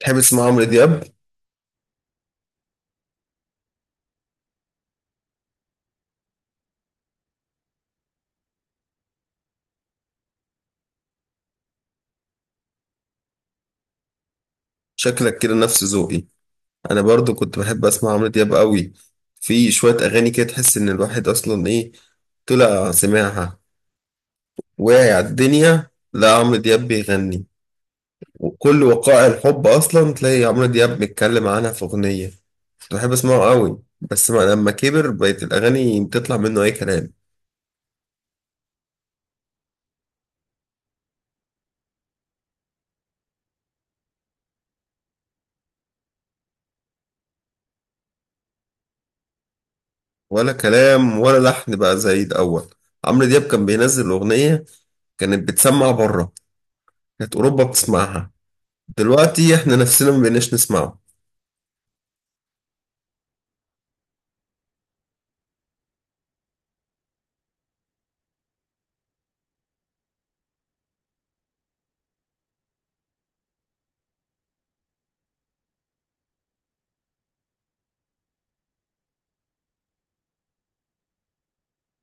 تحب تسمع عمرو دياب؟ شكلك كده نفس ذوقي. انا برضو كنت بحب اسمع عمرو دياب قوي. في شوية اغاني كده تحس ان الواحد اصلا ايه، طلع سماعها واعي على الدنيا لا عمرو دياب بيغني، وكل وقائع الحب اصلا تلاقي عمرو دياب بيتكلم عنها في اغنية. كنت بحب اسمعه قوي، بس ما لما كبر بقت الاغاني بتطلع منه اي كلام. ولا كلام ولا لحن بقى زي الاول. عمرو دياب كان بينزل اغنية كانت بتسمع بره، كانت اوروبا بتسمعها. دلوقتي احنا نفسنا ما بقيناش نسمعه.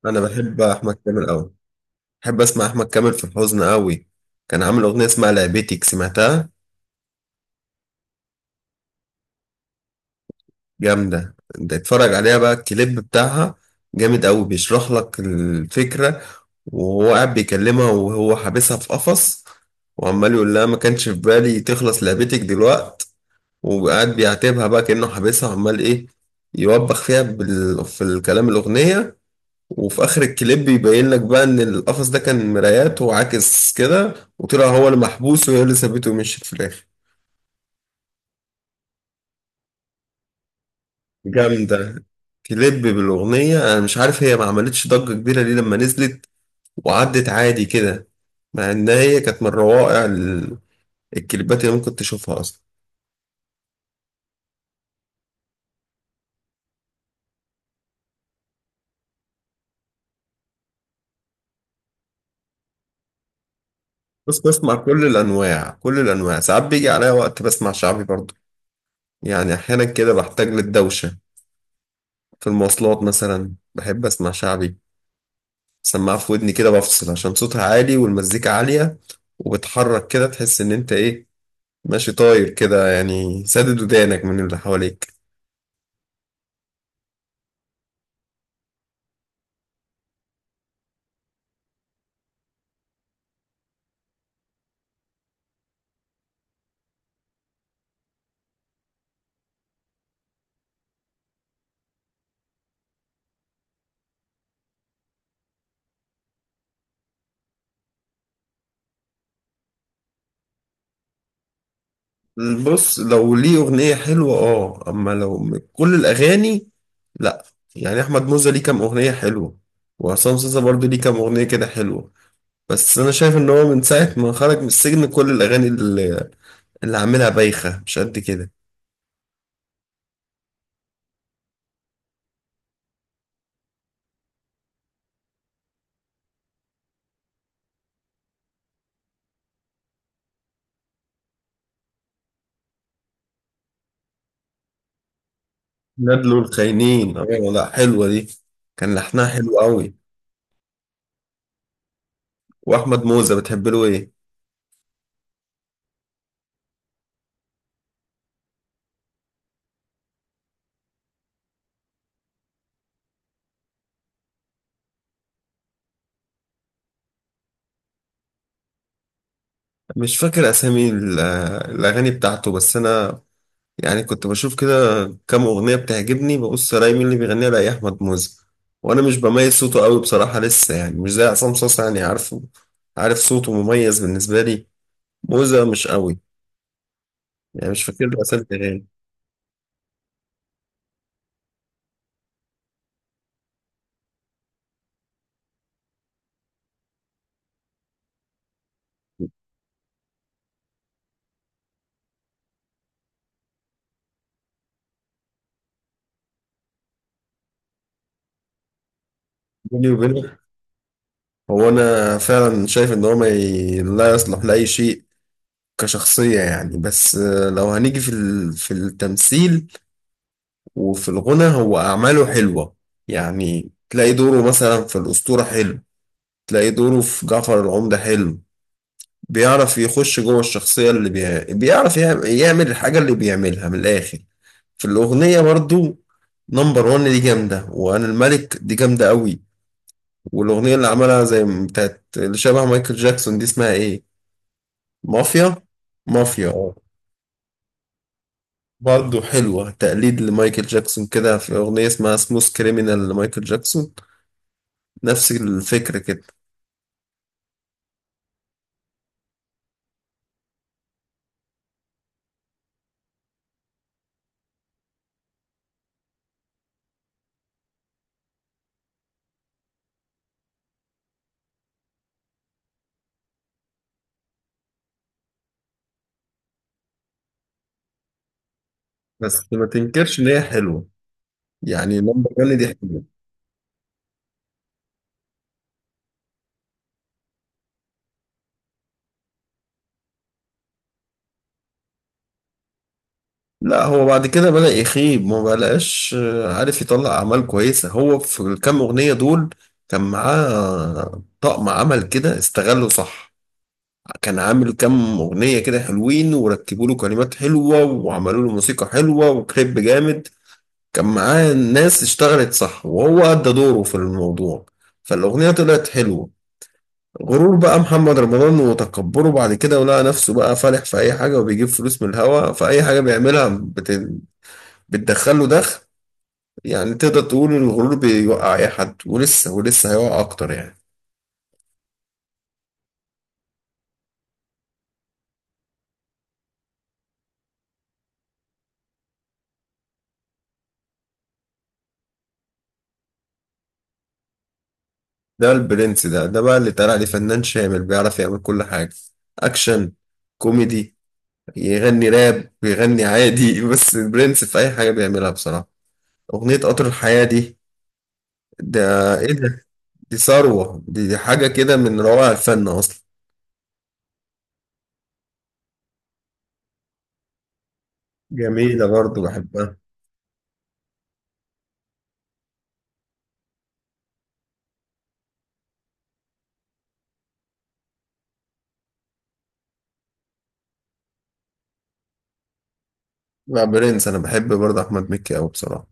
انا بحب احمد كامل قوي، بحب اسمع احمد كامل في الحزن قوي. كان عامل اغنيه اسمها لعبتك، سمعتها؟ جامده. انت اتفرج عليها بقى الكليب بتاعها، جامد قوي، بيشرح لك الفكره. وهو قاعد بيكلمها وهو حابسها في قفص، وعمال يقول لها ما كانش في بالي تخلص لعبتك دلوقت. وقاعد بيعاتبها بقى كأنه حابسها وعمال ايه، يوبخ فيها في الكلام الأغنية. وفي اخر الكليب بيبين لك بقى ان القفص ده كان مرايات وعاكس كده، وطلع هو المحبوس وهي اللي سابته ومشيت في الاخر. جامدة كليب بالأغنية. أنا مش عارف هي ما عملتش ضجة كبيرة ليه لما نزلت، وعدت عادي كده، مع إن هي كانت من روائع الكليبات اللي ممكن تشوفها أصلا. بس بسمع كل الأنواع، كل الأنواع. ساعات بيجي عليا وقت بسمع شعبي برضه. يعني أحيانا كده بحتاج للدوشة. في المواصلات مثلا بحب أسمع شعبي، سماعة في ودني كده بفصل عشان صوتها عالي والمزيكا عالية. وبتحرك كده تحس إن أنت إيه، ماشي طاير كده يعني، سادد ودانك من اللي حواليك. بص، لو ليه أغنية حلوة آه، أما لو كل الأغاني لأ. يعني أحمد موزة ليه كام أغنية حلوة، وعصام صاصا برضه ليه كام أغنية كده حلوة. بس أنا شايف إن هو من ساعة ما خرج من السجن كل الأغاني اللي عاملها بايخة مش قد كده. نادلو الخاينين، آه. لأ حلوة دي، كان لحنها حلو قوي. واحمد موزة بتحب له ايه؟ مش فاكر اسامي الاغاني بتاعته، بس انا يعني كنت بشوف كده، كام اغنيه بتعجبني ببص الاقي مين اللي بيغنيها الاقي احمد موزة. وانا مش بميز صوته قوي بصراحه لسه، يعني مش زي عصام صاصا يعني، عارفه عارف صوته مميز بالنسبه لي. موزة مش قوي، يعني مش فاكر له اسامي الاغاني. بيني وبينك، هو انا فعلا شايف ان هو ما ي... لا يصلح لاي شيء كشخصيه يعني، بس آه، لو هنيجي في في التمثيل وفي الغنى هو أعماله حلوة. يعني تلاقي دوره مثلا في الأسطورة حلو، تلاقي دوره في جعفر العمدة حلو. بيعرف يخش جوه الشخصية بيعرف يعمل الحاجة اللي بيعملها من الآخر. في الأغنية برضو، نمبر وان دي جامدة، وأنا الملك دي جامدة قوي. والأغنية اللي عملها زي بتاعت اللي شبه مايكل جاكسون دي اسمها إيه؟ مافيا؟ مافيا، اه. برضه حلوة، تقليد لمايكل جاكسون كده في أغنية اسمها سموث كريمينال لمايكل جاكسون، نفس الفكرة كده. بس ما تنكرش ان هي حلوة، يعني نمبر جن دي حلوة. لا هو بعد كده بدأ يخيب، ما بقاش عارف يطلع أعمال كويسة. هو في الكام أغنية دول كان معاه طقم عمل كده استغله صح. كان عامل كام أغنية كده حلوين، وركبوا له كلمات حلوة وعملوا له موسيقى حلوة وكليب جامد. كان معاه ناس اشتغلت صح وهو أدى دوره في الموضوع، فالأغنية طلعت حلوة. غرور بقى محمد رمضان وتكبره بعد كده، ولقى نفسه بقى فالح في اي حاجه وبيجيب فلوس من الهوا، فاي حاجه بيعملها بتدخل له دخل. يعني تقدر تقول إن الغرور بيوقع اي حد، ولسه هيوقع اكتر يعني. ده البرنس، ده بقى اللي طلع عليه فنان شامل بيعرف يعمل كل حاجه. اكشن، كوميدي، يغني راب بيغني عادي بس البرنس في اي حاجه بيعملها بصراحه. اغنيه قطر الحياه دي، ده ايه ده، دي ثروه، دي حاجه كده من روائع الفن اصلا. جميلة برضو بحبها. لا برنس، أنا بحب برضو أحمد مكي أوي بصراحة.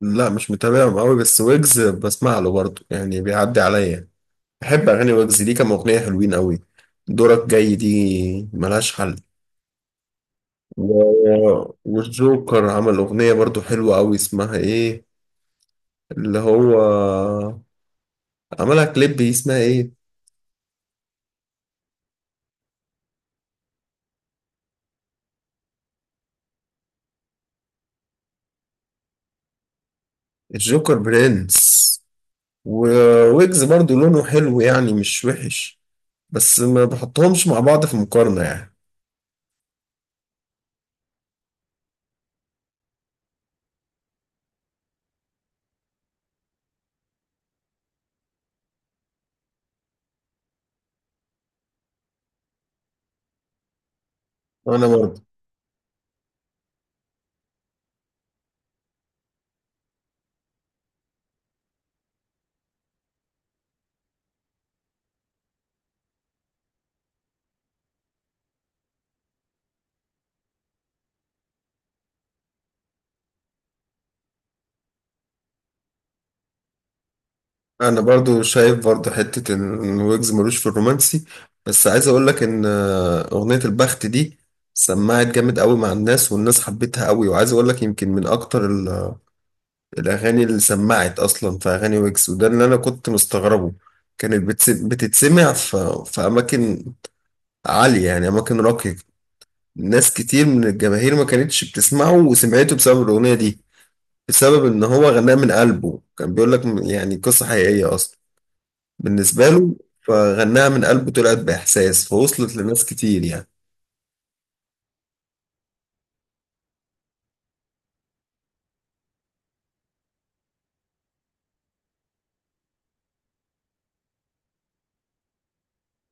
لا مش متابعهم أوي، بس ويجز بسمع له برضو يعني، بيعدي عليا. بحب أغاني ويجز، ليه كام أغنية حلوين أوي. دورك جاي دي ملهاش حل. و... والجوكر عمل أغنية برضو حلوة أوي اسمها إيه، اللي هو عملها كليب دي اسمها إيه. الجوكر برنس، وويجز برضو لونه حلو يعني مش وحش، بس ما بحطهمش مع بعض في مقارنة يعني. أنا برضو انا برضو شايف برضو حتة ان ويجز ملوش في الرومانسي. بس عايز اقول لك ان آه، اغنية البخت دي سمعت جامد قوي مع الناس، والناس حبتها قوي. وعايز اقول لك يمكن من اكتر الاغاني اللي سمعت اصلا في اغاني ويجز، وده اللي انا كنت مستغربه. كانت بتتسمع في اماكن عالية يعني، اماكن راقية. ناس كتير من الجماهير ما كانتش بتسمعه وسمعته بسبب الاغنية دي، بسبب ان هو غناه من قلبه. كان بيقول لك يعني قصة حقيقية اصلا بالنسبة له، فغناها من قلبه، طلعت بإحساس فوصلت لناس كتير يعني.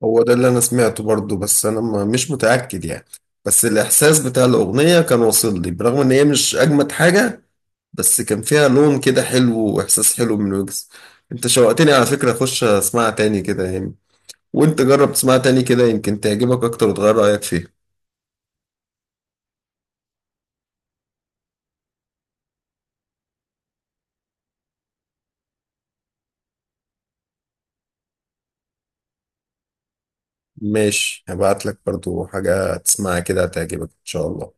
هو ده اللي أنا سمعته برضه، بس أنا مش متأكد يعني. بس الإحساس بتاع الأغنية كان واصل لي برغم إن هي مش أجمد حاجة، بس كان فيها لون كده حلو وإحساس حلو من ويجز. أنت شوقتني على فكرة أخش أسمعها تاني كده يعني، وأنت جرب تسمعها تاني كده يمكن تعجبك أكتر وتغير رأيك فيها. ماشي، هبعت لك برضه حاجة تسمعها كده هتعجبك إن شاء الله.